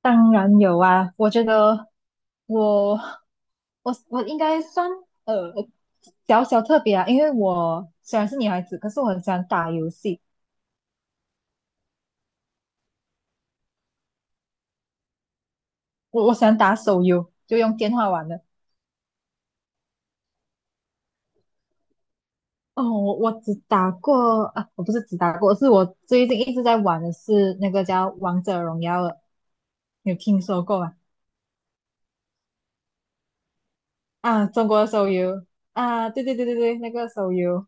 当然有啊，我觉得我我应该算呃小小特别啊，因为我虽然是女孩子，可是我很喜欢打游戏，我喜欢打手游，就用电话玩的。哦，我只打过啊，我不是只打过，是我最近一直在玩的是那个叫《王者荣耀》的，你有听说过吗？啊，中国的手游啊，对对对对对，那个手游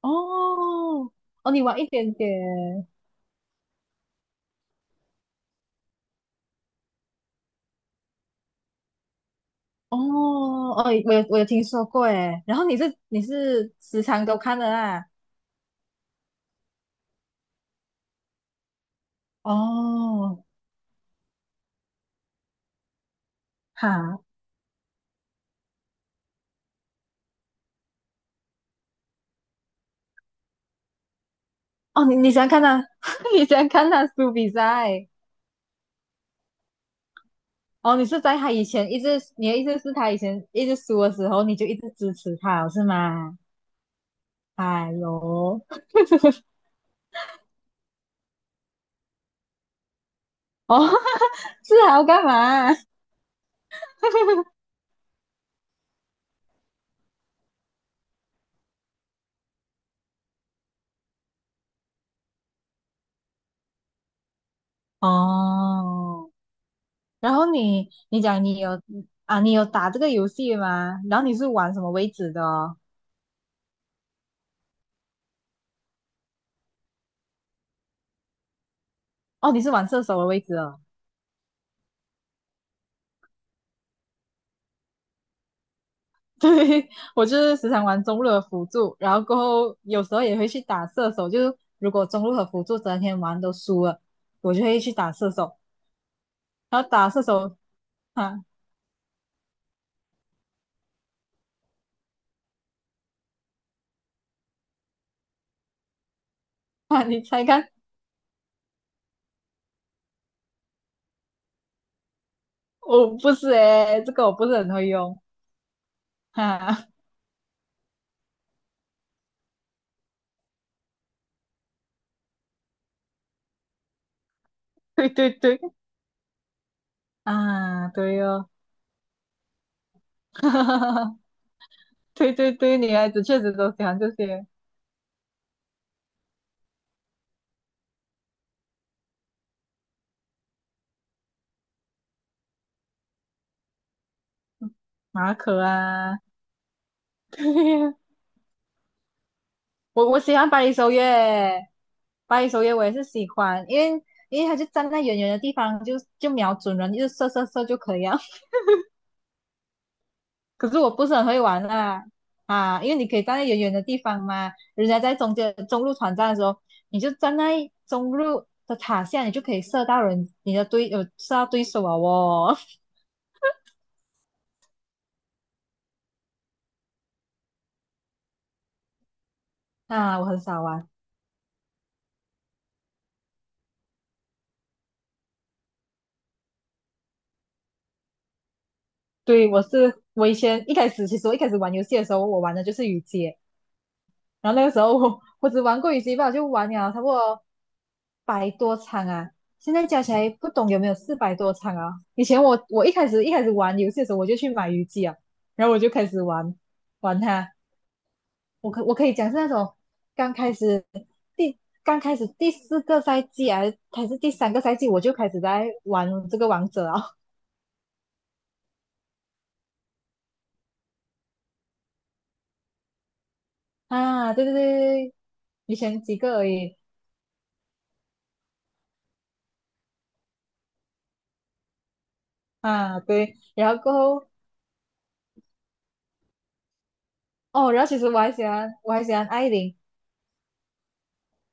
哦哦，你玩一点点哦哦，我有听说过诶，然后你是时常都看的啦，哦，哈，哦你喜欢看他，你喜欢看他输比赛，哦你是在他以前一直，你的意思是他以前一直输的时候，你就一直支持他是吗？哎呦，哦，是还要干嘛？哦，然后你讲你有啊，你有打这个游戏吗？然后你是玩什么为止的哦哦，你是玩射手的位置哦。对，我就是时常玩中路的辅助，然后过后有时候也会去打射手。就是如果中路和辅助整天玩都输了，我就会去打射手。然后打射手，啊啊，你猜看？我不是诶，这个我不是很会用。啊，对对对，啊，对哦，对对对，女孩子确实都喜欢这些马可啊，对呀我喜欢百里守约，百里守约我也是喜欢，因为他就站在远远的地方，就瞄准人，就射射射就可以了。可是我不是很会玩啦，啊，因为你可以站在远远的地方嘛，人家在中间中路团战的时候，你就站在中路的塔下，你就可以射到人，你的对呃射到对手啊哦。啊，我很少玩，对我是我以前一开始其实我一开始玩游戏的时候，我玩的就是雨姐。然后那个时候我只玩过羽西吧，就玩了差不多百多场啊，现在加起来不懂有没有400多场啊。以前我一开始玩游戏的时候，我就去买鱼机啊，然后我就开始玩它。我可以讲是那种刚开始第刚开始第四个赛季啊，还是第三个赛季，我就开始在玩这个王者啊 啊，对对对对，对以前几个而已啊，对，然后过后哦，然后其实我还喜欢艾琳。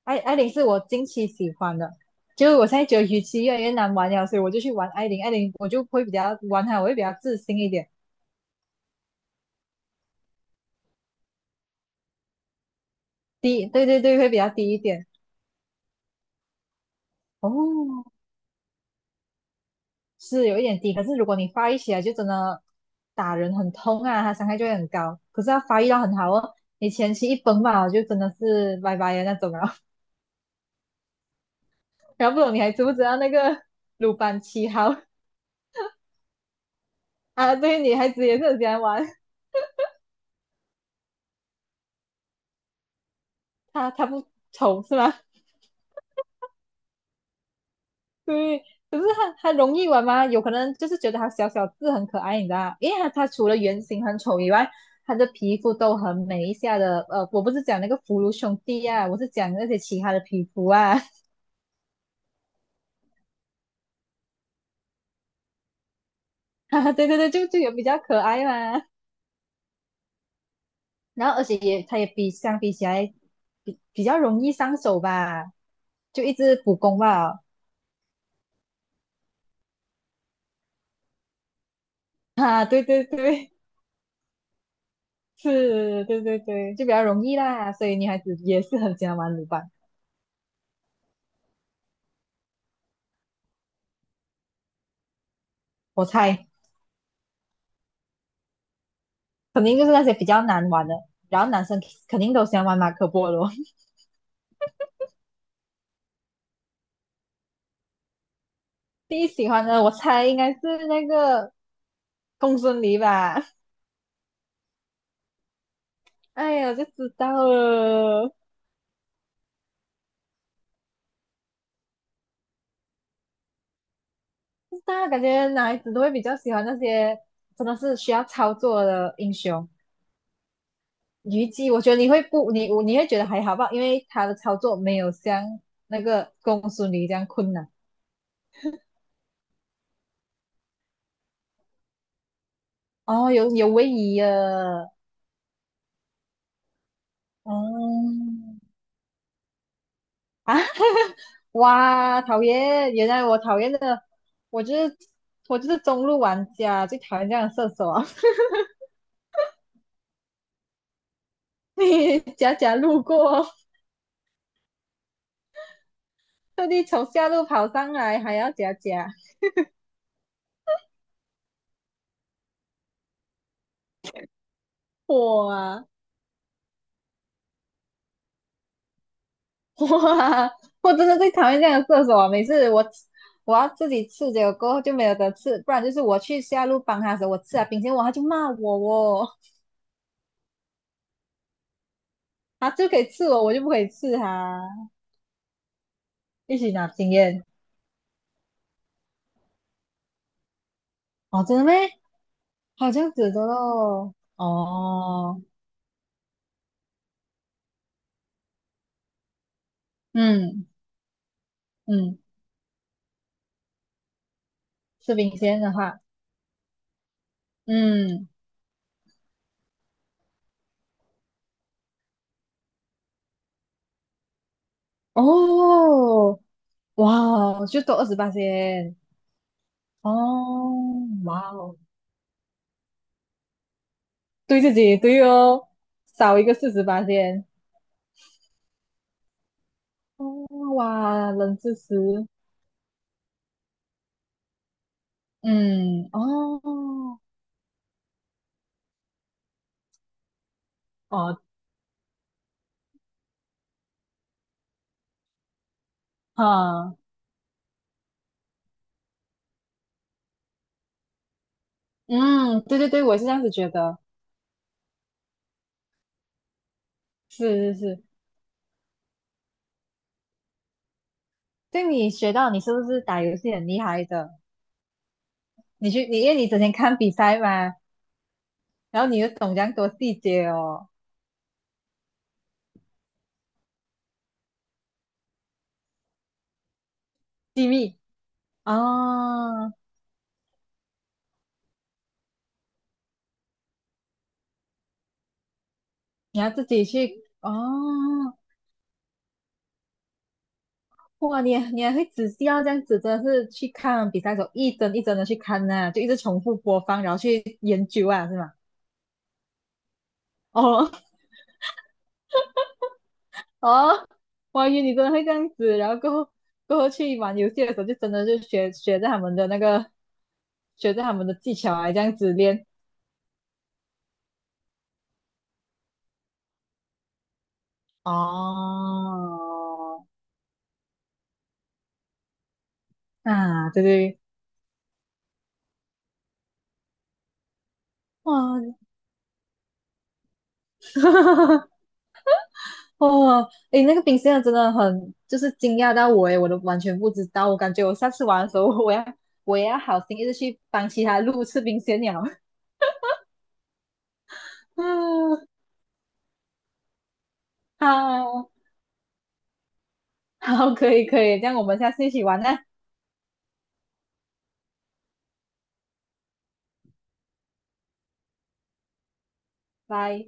艾琳是我近期喜欢的，就是我现在觉得鱼鳍越来越难玩了，所以我就去玩艾琳，艾琳我就会比较玩它，我会比较自信一点，低，对对对，会比较低一点。哦，是有一点低，可是如果你发育起来，就真的打人很痛啊，它伤害就会很高。可是它发育到很好哦，你前期一崩吧，就真的是拜拜的那种了。然后不懂你还知不知道那个鲁班七号啊？对，女孩子也是很喜欢玩，她不丑是吗？对，可是它容易玩吗？有可能就是觉得它小小字很可爱，你知道吗因为它除了原型很丑以外，它的皮肤都很美一下的。我不是讲那个福禄兄弟啊，我是讲那些其他的皮肤啊。啊，对对对，就有比较可爱嘛。然后而且也它也相比起来比较容易上手吧，就一直补攻吧。啊，对对对，是，对对对，就比较容易啦。所以女孩子也是很喜欢玩鲁班，我猜。肯定就是那些比较难玩的。然后男生肯定都喜欢玩马可波罗，第一喜欢的我猜应该是那个公孙离吧。哎呀，就知道了，大家感觉男孩子都会比较喜欢那些真的是需要操作的英雄。虞姬，我觉得你会不，你会觉得还好吧，因为他的操作没有像那个公孙离这样困难。哦，有位移了，嗯啊，哇，讨厌！原来我讨厌的，我就是我就是中路玩家，最讨厌这样的射手啊！你假假路过，特地从下路跑上来，还要假假，哇哇！我真的最讨厌这样的射手啊！每次我要自己刺，结果过后就没有得吃，不然就是我去下路帮他的时候，我吃了冰淇淋，哇，他就骂我哦，他就可以刺我，我就不可以刺他，一起拿经验哦，真的咩？好像子的咯，哦。嗯嗯，吃冰鲜的话，嗯，哦，哇哦，就多28仙，哦，哇哦，对自己对哦，少一个48仙，哦，哇，冷知识，嗯，哦，哦，哈，嗯，对对对，我也是这样子觉得，是是是，对你学到你是不是打游戏很厉害的？你去，你因为你整天看比赛嘛，然后你又懂这样多细节哦，机密。哦，你要自己去哦，哇，你还会仔细要这样子，真的是去看比赛的时候一帧一帧的去看呐、就一直重复播放，然后去研究啊，是吗？哦 哦，我以为你真的会这样子，然后过后去玩游戏的时候，就真的就学着他们的那个，学着他们的技巧啊，这样子练。哦，啊，对对，哇，哦，诶，那个冰箱真的很，就是惊讶到我诶，我都完全不知道。我感觉我下次玩的时候，我也要好心一直去帮其他路吃冰鲜鸟。嗯，好，好，可以可以，这样我们下次一起玩呢，拜。